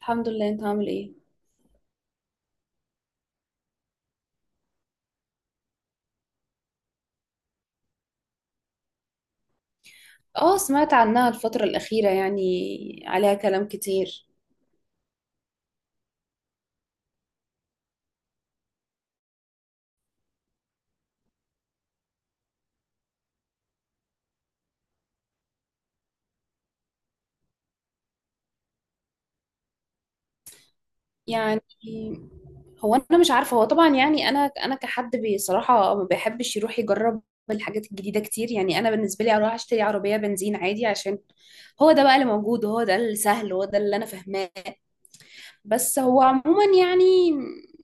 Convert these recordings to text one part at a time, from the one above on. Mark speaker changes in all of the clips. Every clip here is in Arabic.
Speaker 1: الحمد لله. انت عامل ايه؟ اه، سمعت عنها الفترة الأخيرة، يعني عليها كلام كتير. يعني هو انا مش عارفة. هو طبعا يعني انا كحد بصراحة ما بيحبش يروح يجرب الحاجات الجديدة كتير. يعني انا بالنسبة لي اروح اشتري عربية بنزين عادي، عشان هو ده بقى اللي موجود، وهو ده السهل، وهو ده اللي انا فاهماه. بس هو عموما يعني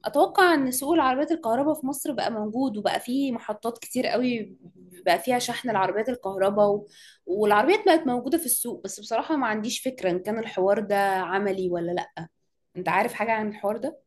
Speaker 1: اتوقع ان سوق العربيات الكهرباء في مصر بقى موجود، وبقى فيه محطات كتير قوي بقى فيها شحن العربيات الكهرباء، والعربيات بقت موجودة في السوق. بس بصراحة ما عنديش فكرة ان كان الحوار ده عملي ولا لا. انت عارف حاجة عن الحوار ده؟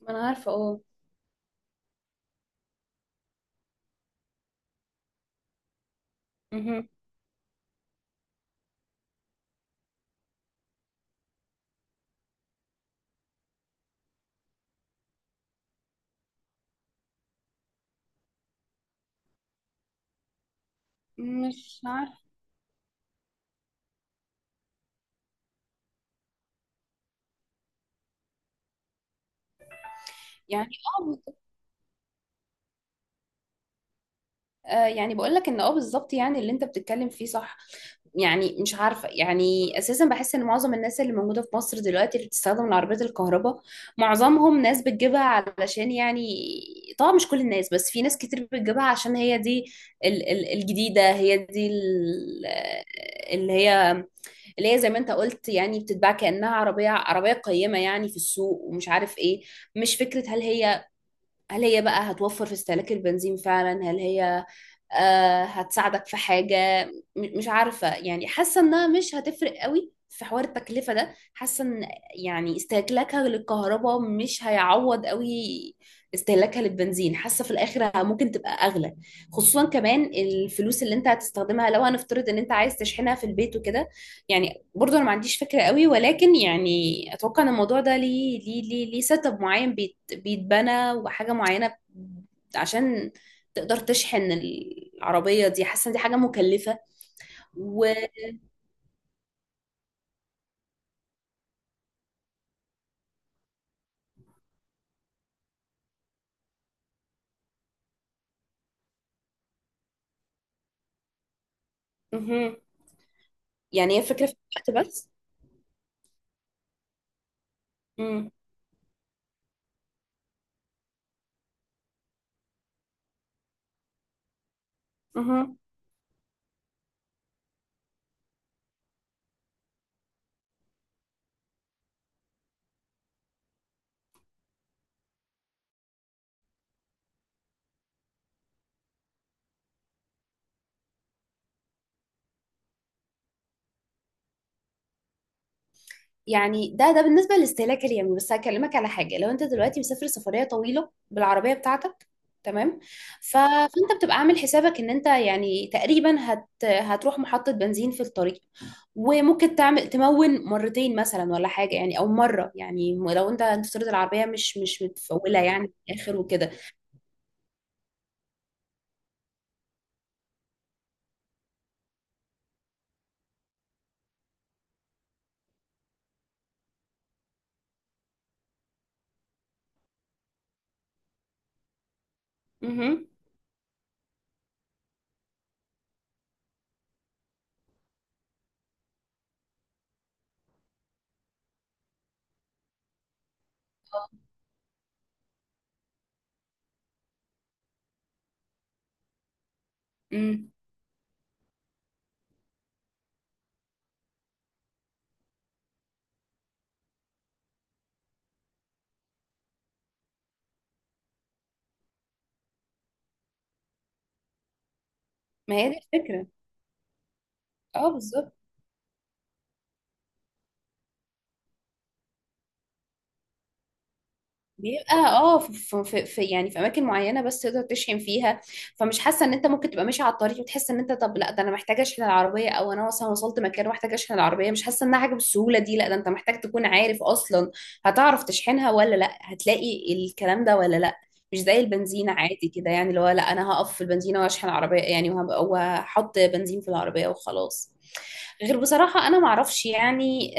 Speaker 1: ما انا عارفة، اه. مهم. مش عارفة يعني. اه بالظبط. آه، يعني بقول لك ان اه بالظبط، يعني اللي انت بتتكلم فيه صح. يعني مش عارفة. يعني أساسا بحس إن معظم الناس اللي موجودة في مصر دلوقتي اللي بتستخدم العربيات الكهرباء، معظمهم ناس بتجيبها علشان يعني، طبعا مش كل الناس، بس في ناس كتير بتجيبها عشان هي دي ال الجديدة. هي دي اللي هي اللي هي زي ما أنت قلت، يعني بتتباع كأنها عربية عربية قيمة يعني في السوق، ومش عارف إيه. مش فكرة هل هي بقى هتوفر في استهلاك البنزين فعلا. هل هي آه، هتساعدك في حاجة. مش عارفة، يعني حاسة انها مش هتفرق قوي في حوار التكلفة ده. حاسة ان يعني استهلاكها للكهرباء مش هيعوض قوي استهلاكها للبنزين. حاسة في الاخر ممكن تبقى اغلى، خصوصا كمان الفلوس اللي انت هتستخدمها لو هنفترض ان انت عايز تشحنها في البيت وكده. يعني برضه انا ما عنديش فكرة قوي، ولكن يعني اتوقع ان الموضوع ده ليه سيت اب معين، بيت بيتبنى وحاجة معينة عشان تقدر تشحن العربية دي. حاسة إن دي حاجة مكلفة. و مهم. يعني هي فكرة في الوقت بس. مم. مهم. يعني ده بالنسبة للاستهلاك اليومي. بس هكلمك على حاجة، لو انت دلوقتي مسافر سفرية طويلة بالعربية بتاعتك، تمام، فانت بتبقى عامل حسابك ان انت يعني تقريبا هتروح محطة بنزين في الطريق، وممكن تعمل تمون مرتين مثلا ولا حاجة، يعني او مرة، يعني لو انت تفترض العربية مش متفولة يعني في الاخر وكده. مهم. مم. ما هي دي الفكرة. اه بالظبط. بيبقى اه في، يعني في اماكن معينه بس تقدر تشحن فيها. فمش حاسه ان انت ممكن تبقى ماشي على الطريق وتحس ان انت طب لا، ده انا محتاجه اشحن العربيه، او انا مثلا وصلت مكان ومحتاجه اشحن العربيه. مش حاسه انها حاجه بالسهوله دي. لا، ده انت محتاج تكون عارف اصلا هتعرف تشحنها ولا لا، هتلاقي الكلام ده ولا لا. مش زي البنزينه عادي كده، يعني اللي هو لا، انا هقف في البنزينه واشحن العربيه يعني، وهحط بنزين في العربيه وخلاص. غير بصراحه انا معرفش يعني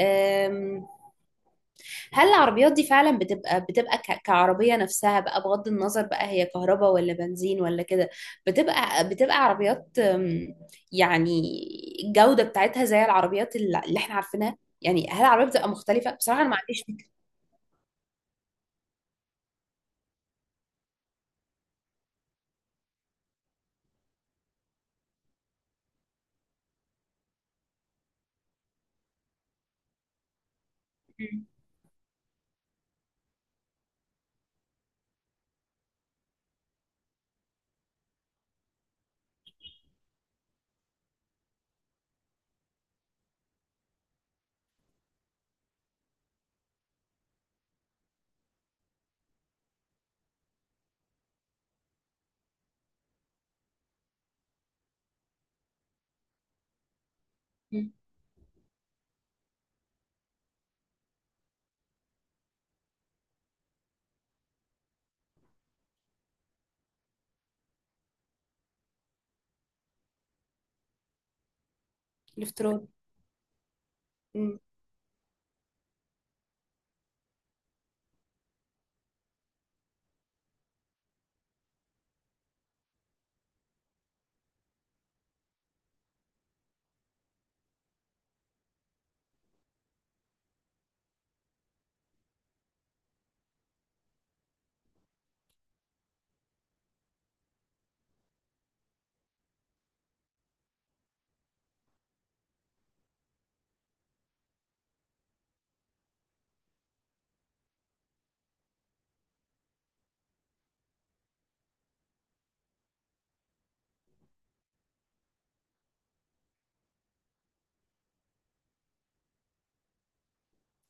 Speaker 1: هل العربيات دي فعلا بتبقى كعربية نفسها بقى، بغض النظر بقى هي كهرباء ولا بنزين ولا كده. بتبقى عربيات، يعني الجودة بتاعتها زي العربيات اللي احنا عارفينها. يعني هل العربية بتبقى مختلفة؟ بصراحة انا ما عنديش فكرة. مم. مم. الافتراض. مم.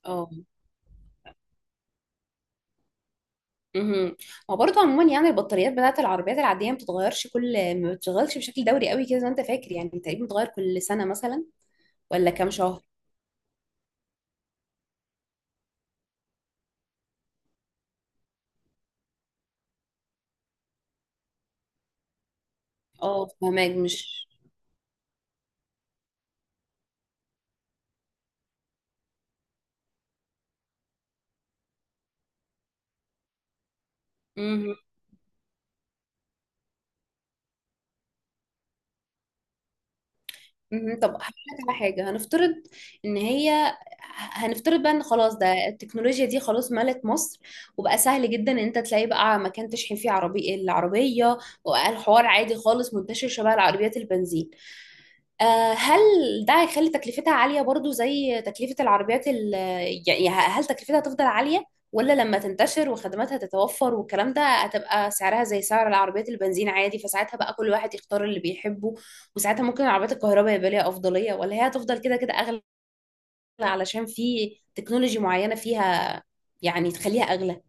Speaker 1: اه. مهم. ما برضه عموما يعني البطاريات بتاعت العربيات العادية ما بتتغيرش، كل ما بتشتغلش بشكل دوري قوي كده زي ما انت فاكر. يعني تقريبا بتتغير كل سنة مثلا ولا كام شهر؟ اه فهماك مش. مهم. مهم. طب هقول لك على حاجة. ان هي هنفترض بقى ان خلاص ده، التكنولوجيا دي خلاص ملت مصر، وبقى سهل جدا ان انت تلاقي بقى مكان تشحن فيه عربي العربية، وبقى الحوار عادي خالص منتشر شبه العربيات البنزين. آه، هل ده هيخلي تكلفتها عالية برضو زي تكلفة العربيات يعني هل تكلفتها هتفضل عالية، ولا لما تنتشر وخدماتها تتوفر والكلام ده هتبقى سعرها زي سعر العربيات البنزين عادي، فساعتها بقى كل واحد يختار اللي بيحبه؟ وساعتها ممكن العربيات الكهرباء يبقى ليها أفضلية، ولا هي هتفضل كده كده أغلى علشان في تكنولوجي معينة فيها يعني تخليها أغلى؟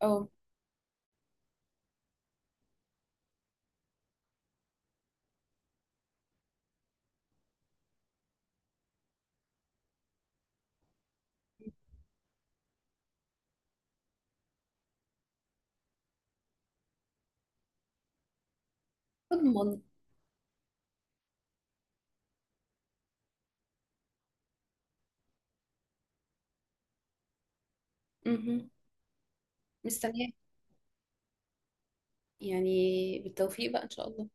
Speaker 1: اه. اضمن. مهم. مستنية. يعني بالتوفيق بقى إن شاء الله.